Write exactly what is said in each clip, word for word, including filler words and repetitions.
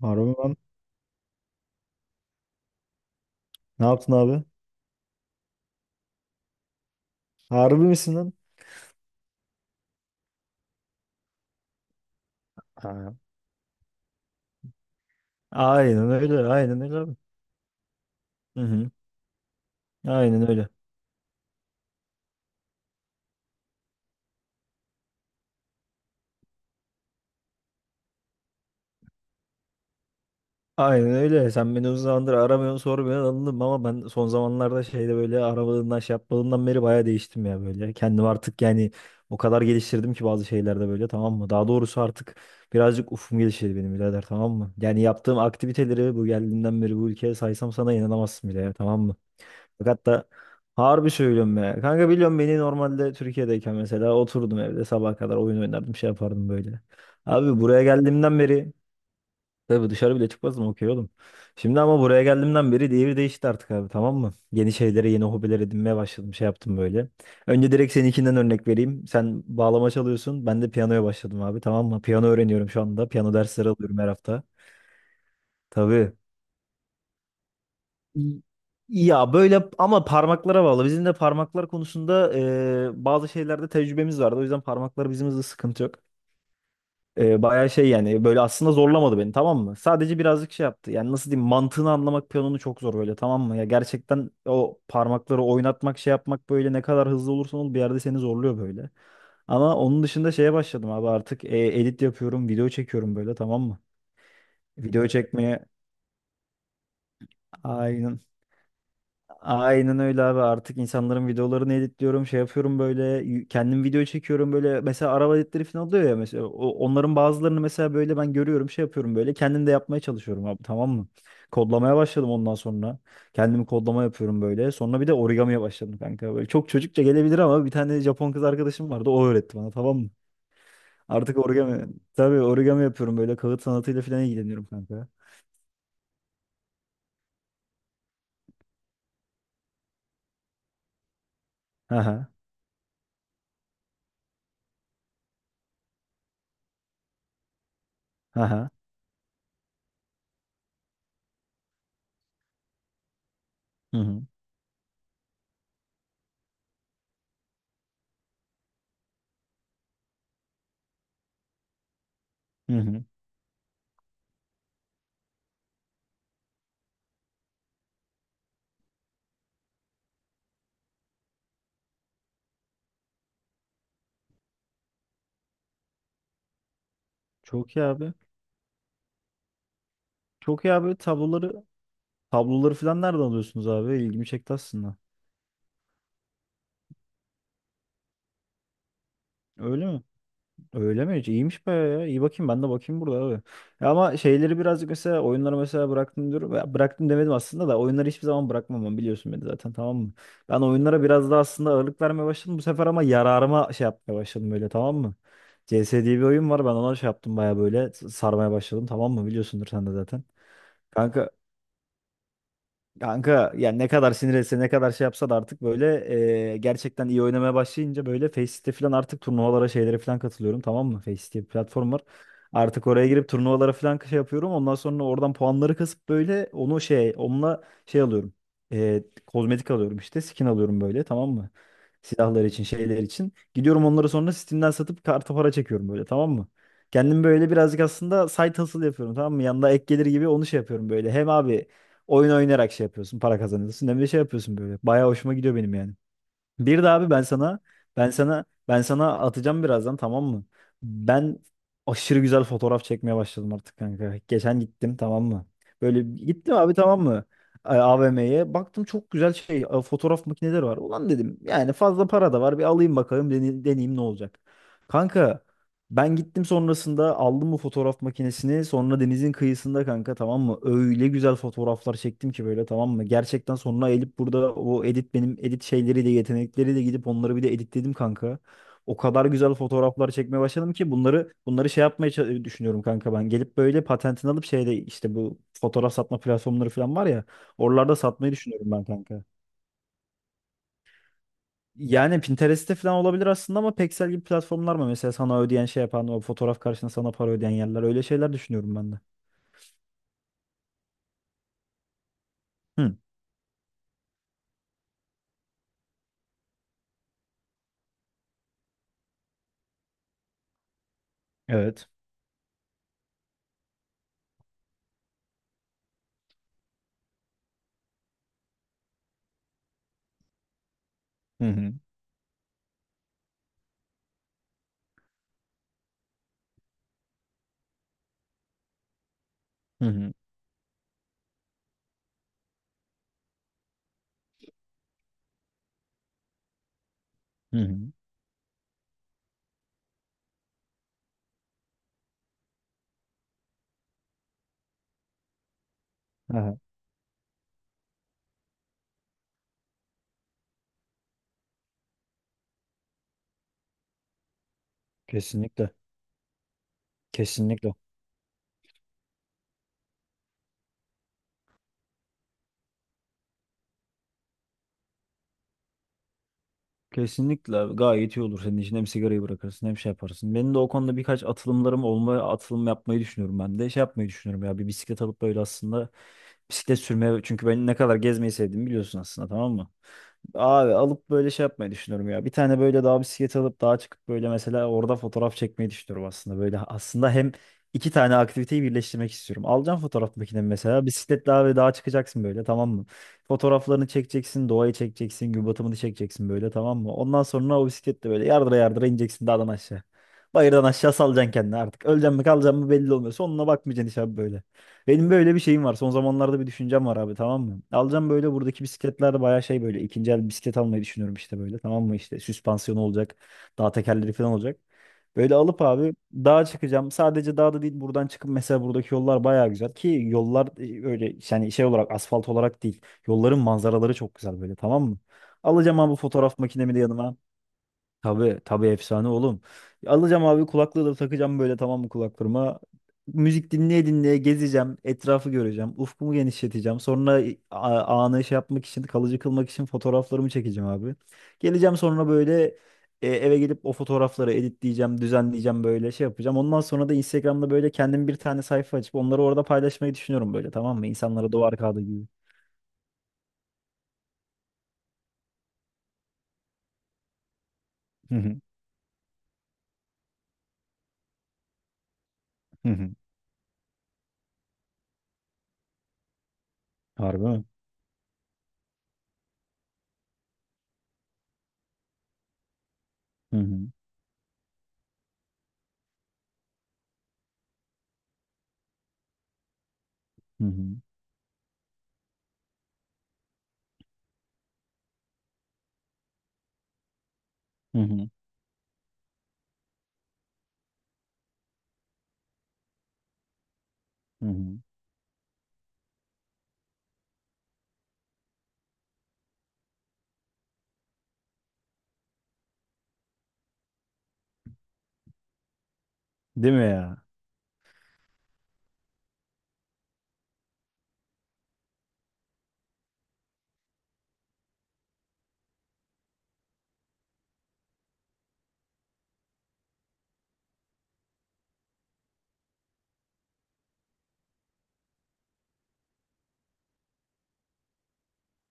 Harbi mi lan? Ne yaptın abi? Harbi misin lan? Ha. Aynen öyle. Aynen öyle abi. Hı hı. Aynen öyle. Aynen öyle. Sen beni uzun zamandır aramıyorsun, sormuyorsun, anladım, ama ben son zamanlarda şeyde böyle aramadığından şey yapmadığından beri bayağı değiştim ya böyle. Kendimi artık yani o kadar geliştirdim ki bazı şeylerde böyle, tamam mı? Daha doğrusu artık birazcık ufum gelişti benim birader, tamam mı? Yani yaptığım aktiviteleri bu geldiğimden beri bu ülkeye saysam sana inanamazsın bile ya, tamam mı? Fakat da harbi söylüyorum ya. Kanka biliyorum beni, normalde Türkiye'deyken mesela oturdum evde sabaha kadar oyun oynardım, şey yapardım böyle. Abi buraya geldiğimden beri tabii dışarı bile çıkmazdım, okey oğlum. Şimdi ama buraya geldiğimden beri devir değişti artık abi, tamam mı? Yeni şeylere, yeni hobiler edinmeye başladım, şey yaptım böyle. Önce direkt seninkinden örnek vereyim. Sen bağlama çalıyorsun, ben de piyanoya başladım abi, tamam mı? Piyano öğreniyorum şu anda, piyano dersleri alıyorum her hafta. Tabii. Ya böyle ama parmaklara bağlı. Bizim de parmaklar konusunda e, bazı şeylerde tecrübemiz vardı. O yüzden parmaklar bizim hızlı, sıkıntı yok. E, bayağı şey yani böyle, aslında zorlamadı beni, tamam mı? Sadece birazcık şey yaptı. Yani nasıl diyeyim, mantığını anlamak piyanonun çok zor böyle, tamam mı? Ya gerçekten o parmakları oynatmak, şey yapmak böyle, ne kadar hızlı olursan ol bir yerde seni zorluyor böyle. Ama onun dışında şeye başladım abi artık, e, edit yapıyorum, video çekiyorum böyle, tamam mı? Video çekmeye aynen. Aynen öyle abi, artık insanların videolarını editliyorum, şey yapıyorum böyle, y- kendim video çekiyorum böyle, mesela araba editleri falan oluyor ya, mesela o- onların bazılarını mesela böyle ben görüyorum, şey yapıyorum böyle, kendim de yapmaya çalışıyorum abi, tamam mı? Kodlamaya başladım, ondan sonra kendimi kodlama yapıyorum böyle, sonra bir de origamiye başladım kanka, böyle çok çocukça gelebilir ama bir tane Japon kız arkadaşım vardı, o öğretti bana, tamam mı? Artık origami, tabii origami yapıyorum böyle, kağıt sanatıyla falan ilgileniyorum kanka. Aha aha hı hı hı hı. Çok iyi abi. Çok iyi abi tabloları Tabloları falan nereden alıyorsunuz abi? İlgimi çekti aslında. Öyle mi? Öyle mi? İyiymiş bayağı ya. İyi, bakayım ben de, bakayım burada abi. Ya ama şeyleri birazcık, mesela oyunları mesela bıraktım diyorum. Ya bıraktım demedim aslında da, oyunları hiçbir zaman bırakmam ben, biliyorsun beni zaten, tamam mı? Ben oyunlara biraz daha aslında ağırlık vermeye başladım bu sefer, ama yararıma şey yapmaya başladım böyle, tamam mı? C S diye bir oyun var, ben ona şey yaptım bayağı, böyle sarmaya başladım, tamam mı? Biliyorsundur sen de zaten. Kanka Kanka yani ne kadar sinir etse, ne kadar şey yapsa da, artık böyle e, gerçekten iyi oynamaya başlayınca böyle Faceit falan, artık turnuvalara, şeylere falan katılıyorum, tamam mı? Faceit diye bir platform var. Artık oraya girip turnuvalara falan şey yapıyorum. Ondan sonra oradan puanları kasıp böyle onu şey, onunla şey alıyorum. E, kozmetik alıyorum işte, skin alıyorum böyle, tamam mı? Silahlar için, şeyler için. Gidiyorum onları sonra Steam'den satıp karta para çekiyorum böyle, tamam mı? Kendim böyle birazcık aslında side hustle yapıyorum, tamam mı? Yanında ek gelir gibi, onu şey yapıyorum böyle. Hem abi oyun oynayarak şey yapıyorsun, para kazanıyorsun. Hem de şey yapıyorsun böyle. Bayağı hoşuma gidiyor benim yani. Bir de abi ben sana ben sana ben sana atacağım birazdan, tamam mı? Ben aşırı güzel fotoğraf çekmeye başladım artık kanka. Geçen gittim, tamam mı? Böyle gittim abi, tamam mı? A- AVM'ye baktım, çok güzel şey, a, fotoğraf makineleri var. Ulan dedim yani, fazla para da var, bir alayım bakalım, dene- deneyeyim ne olacak. Kanka ben gittim sonrasında, aldım bu fotoğraf makinesini. Sonra denizin kıyısında kanka, tamam mı? Öyle güzel fotoğraflar çektim ki böyle, tamam mı? Gerçekten sonra elip burada o edit, benim edit şeyleri de yetenekleri de, gidip onları bir de editledim kanka. O kadar güzel fotoğraflar çekmeye başladım ki, bunları bunları şey yapmaya ça- düşünüyorum kanka ben. Gelip böyle patentini alıp şeyde, işte bu fotoğraf satma platformları falan var ya. Oralarda satmayı düşünüyorum ben kanka. Yani Pinterest'te falan olabilir aslında, ama Pexel gibi platformlar mı? Mesela sana ödeyen şey yapan, o fotoğraf karşısında sana para ödeyen yerler. Öyle şeyler düşünüyorum ben de. Hı, evet. Hı hı. Hı hı. Hı hı. Aha, kesinlikle. Kesinlikle. Kesinlikle gayet iyi olur senin için. Hem sigarayı bırakırsın, hem şey yaparsın. Benim de o konuda birkaç atılımlarım olma, atılım yapmayı düşünüyorum ben de. Şey yapmayı düşünüyorum ya, bir bisiklet alıp böyle, aslında bisiklet sürmeye. Çünkü ben ne kadar gezmeyi sevdiğimi biliyorsun aslında, tamam mı? Abi alıp böyle şey yapmayı düşünüyorum ya. Bir tane böyle daha bisiklet alıp, daha çıkıp böyle mesela orada fotoğraf çekmeyi düşünüyorum aslında. Böyle aslında hem iki tane aktiviteyi birleştirmek istiyorum. Alacağım fotoğraf makinemi mesela. Bisikletle abi dağa çıkacaksın böyle, tamam mı? Fotoğraflarını çekeceksin, doğayı çekeceksin, gün batımını çekeceksin böyle, tamam mı? Ondan sonra o bisikletle böyle yardıra yardıra ineceksin dağdan aşağı. Bayırdan aşağı salacaksın kendini artık. Öleceksin mi, kalacaksın mı belli olmuyor. Sonuna bakmayacaksın hiç abi böyle. Benim böyle bir şeyim var. Son zamanlarda bir düşüncem var abi, tamam mı? Alacağım böyle, buradaki bisikletlerde bayağı şey, böyle ikinci el bisiklet almayı düşünüyorum işte böyle, tamam mı? İşte süspansiyonu olacak. Dağ tekerleri falan olacak. Böyle alıp abi dağa çıkacağım. Sadece dağda değil, buradan çıkıp mesela buradaki yollar bayağı güzel ki, yollar e, öyle yani şey olarak, asfalt olarak değil. Yolların manzaraları çok güzel böyle, tamam mı? Alacağım abi fotoğraf makinemi de yanıma. Tabii tabii, efsane oğlum. Alacağım abi kulaklığı da takacağım böyle, tamam mı, kulaklığıma. Müzik dinleye dinleye gezeceğim. Etrafı göreceğim. Ufkumu genişleteceğim. Sonra a- anı şey yapmak için, kalıcı kılmak için fotoğraflarımı çekeceğim abi. Geleceğim sonra böyle, e, eve gelip o fotoğrafları editleyeceğim, düzenleyeceğim böyle, şey yapacağım. Ondan sonra da Instagram'da böyle kendim bir tane sayfa açıp onları orada paylaşmayı düşünüyorum böyle, tamam mı? İnsanlara duvar kağıdı gibi. Hı hı, hı hı. Harbi mi? Hı hı, hı hı, hı hı, hı hı. Değil mi ya?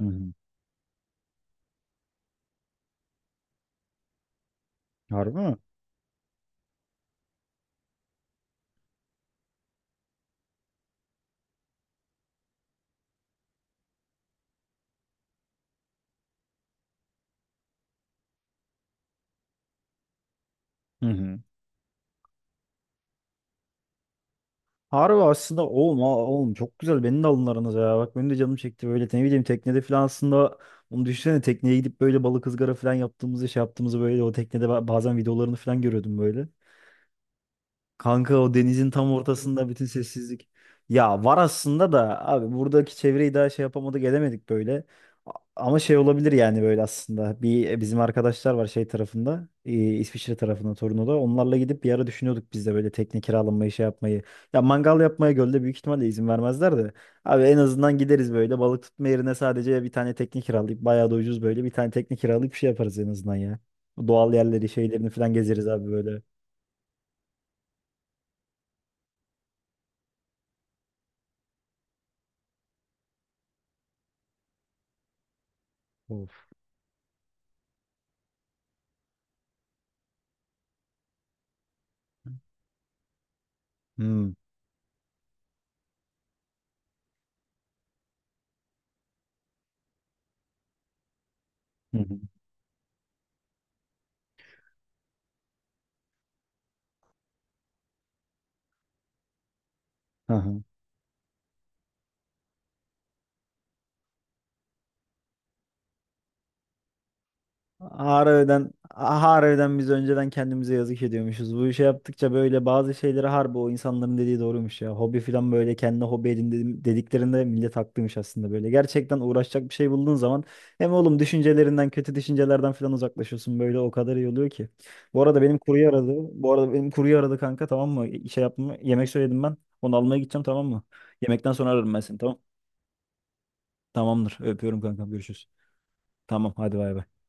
Hı hı. Harbi mi? Hı hı. Harbi aslında oğlum, a- oğlum çok güzel, beni de alın aranıza ya. Bak benim de canım çekti böyle, ne bileyim teknede falan, aslında onu düşünsene, tekneye gidip böyle balık ızgara falan yaptığımızı, şey yaptığımızı böyle, o teknede ba- bazen videolarını falan görüyordum böyle. Kanka o denizin tam ortasında, bütün sessizlik. Ya var aslında da abi, buradaki çevreyi daha şey yapamadık, edemedik böyle. A- Ama şey olabilir yani böyle aslında. Bir e, bizim arkadaşlar var şey tarafında. e, İsviçre tarafında, Torino'da. Onlarla gidip bir ara düşünüyorduk biz de böyle tekne kiralamayı, şey yapmayı. Ya mangal yapmaya gölde büyük ihtimalle izin vermezler de. Abi en azından gideriz böyle balık tutma yerine, sadece bir tane tekne kiralayıp, bayağı da ucuz, böyle bir tane tekne kiralayıp bir şey yaparız en azından ya. Doğal yerleri, şeylerini falan gezeriz abi böyle. Of. Hmm. Hı hı. Harbiden, harbiden biz önceden kendimize yazık ediyormuşuz. Bu işe yaptıkça böyle bazı şeyleri, harbi o insanların dediği doğruymuş ya. Hobi falan böyle, kendi hobi edin dedim- dediklerinde millet haklıymış aslında böyle. Gerçekten uğraşacak bir şey bulduğun zaman hem oğlum düşüncelerinden, kötü düşüncelerden falan uzaklaşıyorsun böyle, o kadar iyi oluyor ki. Bu arada benim kurye aradı. Bu arada benim kurye aradı kanka, tamam mı? Şey yapma, yemek söyledim ben. Onu almaya gideceğim, tamam mı? Yemekten sonra ararım ben seni, tamam. Tamamdır. Öpüyorum kanka, görüşürüz. Tamam, hadi bay bay.